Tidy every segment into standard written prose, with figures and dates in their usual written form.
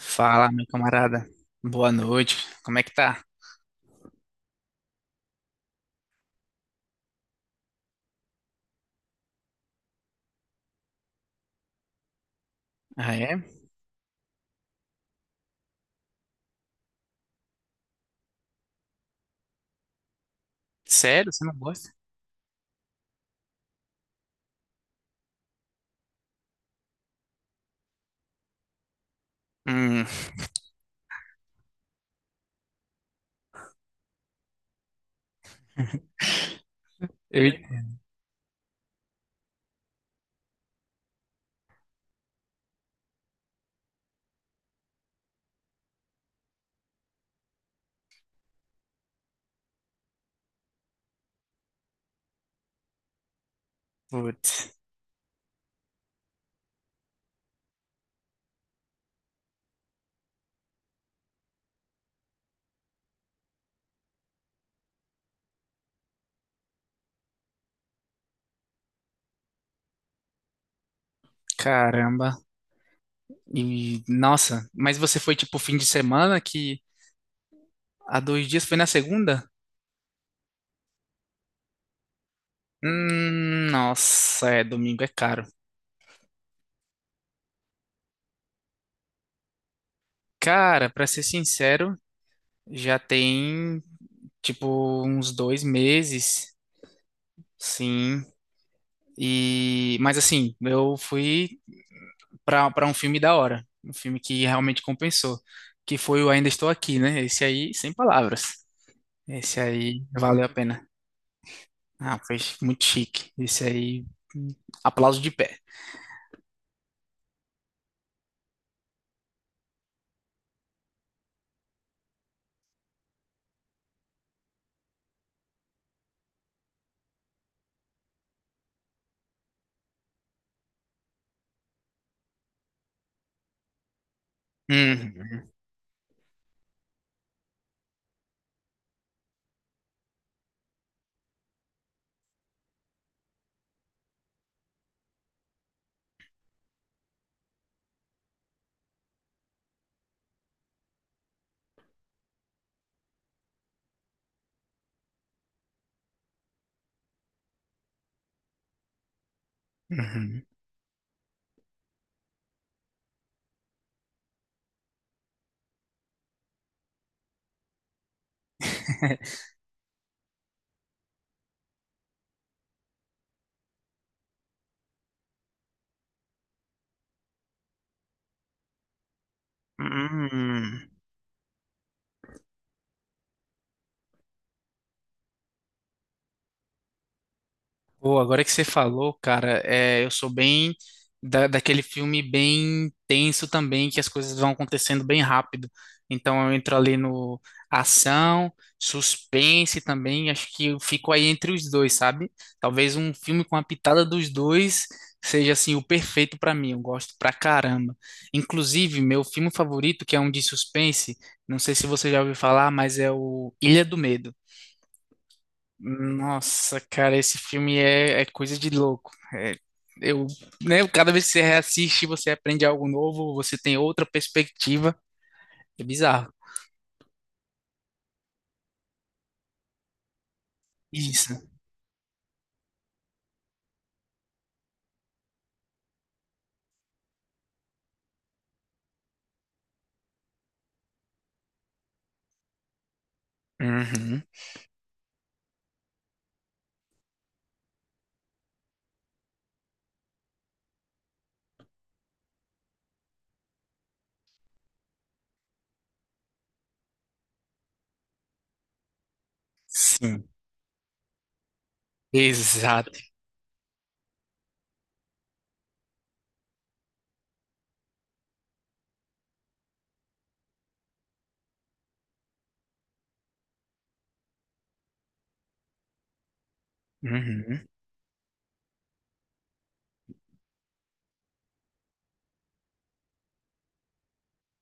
Fala, meu camarada. Boa noite. Como é que tá? Ah, é? Sério? Você não gosta? Hum. eu... Putz, caramba. E, nossa, mas você foi tipo fim de semana que há dois dias foi na segunda? Nossa, é, domingo é caro. Cara, pra ser sincero, já tem tipo uns dois meses, sim. E, mas assim, eu fui para um filme da hora, um filme que realmente compensou, que foi o Ainda Estou Aqui, né? Esse aí, sem palavras. Esse aí valeu a pena. Ah, foi muito chique. Esse aí, hum, aplauso de pé. Uhum, uhum. Hum. Pô, agora que você falou, cara, é, eu sou bem daquele filme bem tenso também, que as coisas vão acontecendo bem rápido. Então eu entro ali no ação, suspense também, acho que eu fico aí entre os dois, sabe? Talvez um filme com a pitada dos dois seja assim o perfeito pra mim, eu gosto pra caramba. Inclusive, meu filme favorito, que é um de suspense, não sei se você já ouviu falar, mas é o Ilha do Medo. Nossa, cara, esse filme é coisa de louco. É, eu, né, cada vez que você reassiste, você aprende algo novo, você tem outra perspectiva. É bizarro. Isso. Uhum. Sim. Exato. Uhum.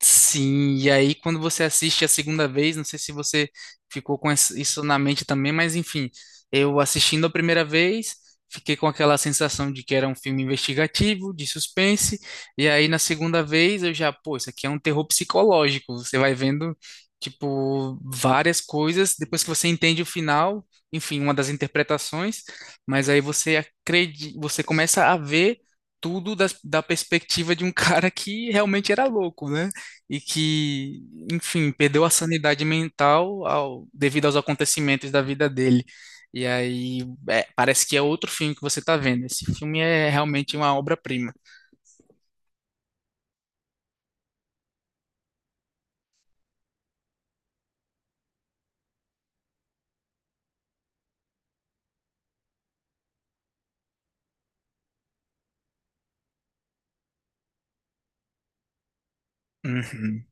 Sim, e aí quando você assiste a segunda vez, não sei se você ficou com isso na mente também, mas enfim, eu assistindo a primeira vez, fiquei com aquela sensação de que era um filme investigativo, de suspense, e aí na segunda vez eu já, pô, isso aqui é um terror psicológico, você vai vendo, tipo, várias coisas, depois que você entende o final, enfim, uma das interpretações, mas aí você acredita, você começa a ver tudo da perspectiva de um cara que realmente era louco, né? E que, enfim, perdeu a sanidade mental devido aos acontecimentos da vida dele. E aí, é, parece que é outro filme que você está vendo. Esse filme é realmente uma obra-prima. Uhum.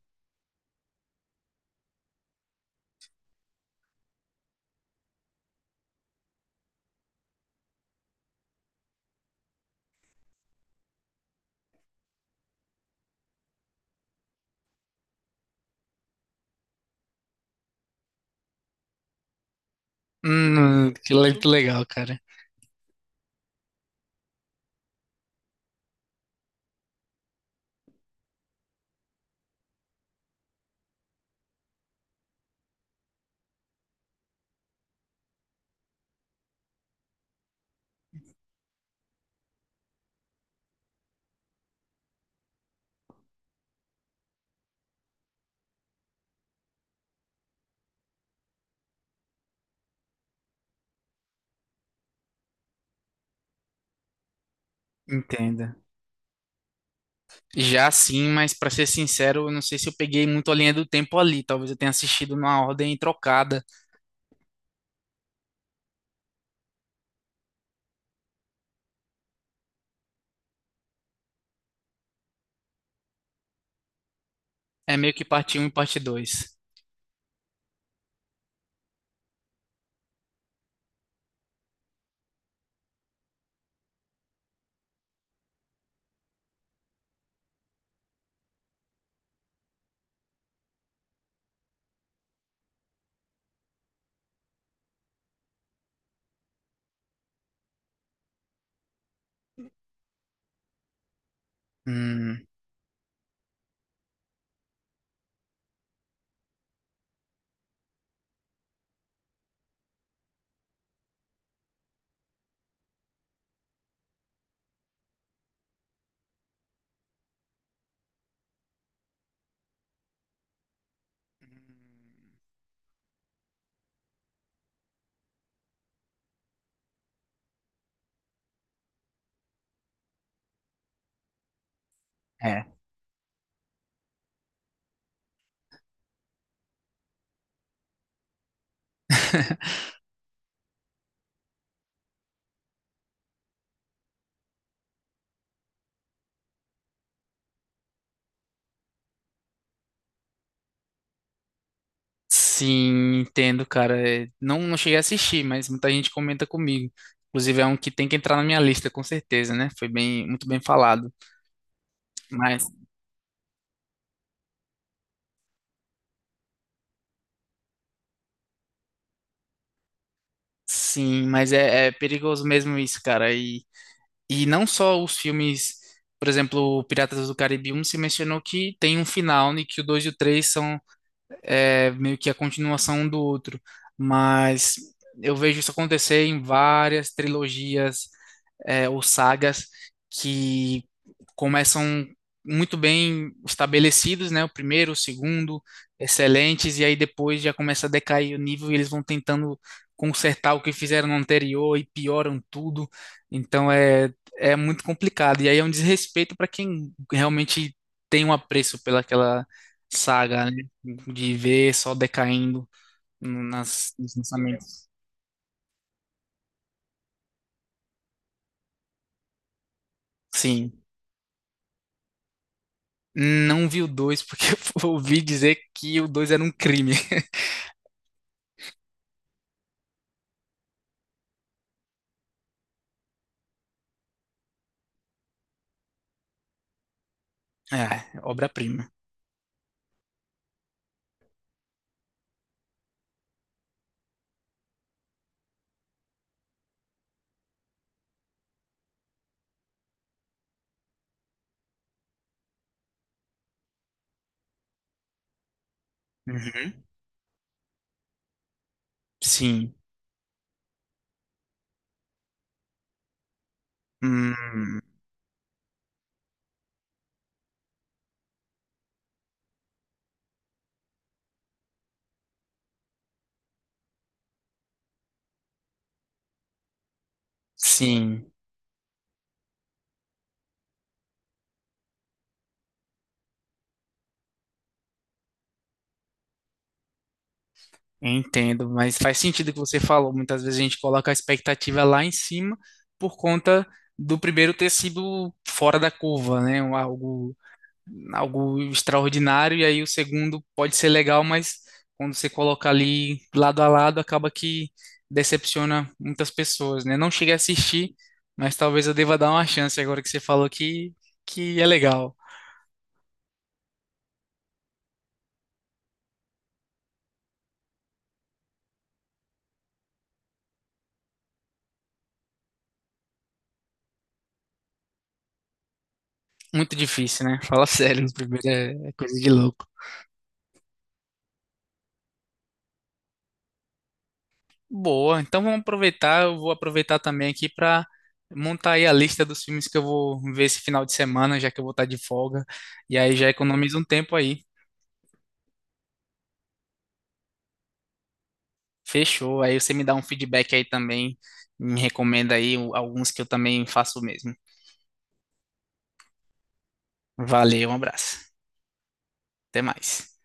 Que legal, cara. Entenda. Já sim, mas para ser sincero, eu não sei se eu peguei muito a linha do tempo ali. Talvez eu tenha assistido numa ordem trocada. É meio que parte um e parte dois. Hum. Sim, entendo, cara. É, não, não cheguei a assistir, mas muita gente comenta comigo. Inclusive, é um que tem que entrar na minha lista, com certeza, né? Foi bem, muito bem falado. Mas, sim, mas é perigoso mesmo isso, cara. E não só os filmes, por exemplo, Piratas do Caribe um se mencionou que tem um final, né que o 2 e o 3 são é, meio que a continuação um do outro. Mas eu vejo isso acontecer em várias trilogias é, ou sagas que começam muito bem estabelecidos, né? O primeiro, o segundo, excelentes, e aí depois já começa a decair o nível e eles vão tentando consertar o que fizeram no anterior e pioram tudo. Então é muito complicado. E aí é um desrespeito para quem realmente tem um apreço pelaquela saga, né? De ver só decaindo nos lançamentos. Sim. Não vi o dois, porque eu ouvi dizer que o 2 era um crime. É, obra-prima. Uhum. Sim. Hum, sim, entendo, mas faz sentido o que você falou. Muitas vezes a gente coloca a expectativa lá em cima por conta do primeiro ter sido fora da curva, né? Algo extraordinário, e aí o segundo pode ser legal, mas quando você coloca ali lado a lado, acaba que decepciona muitas pessoas, né? Não cheguei a assistir, mas talvez eu deva dar uma chance agora que você falou que é legal. Muito difícil, né? Fala sério, o primeiro é coisa de louco. Boa, então vamos aproveitar, eu vou aproveitar também aqui para montar aí a lista dos filmes que eu vou ver esse final de semana, já que eu vou estar de folga, e aí já economiza um tempo aí. Fechou. Aí você me dá um feedback aí também. Me recomenda aí alguns que eu também faço o mesmo. Valeu, um abraço. Até mais.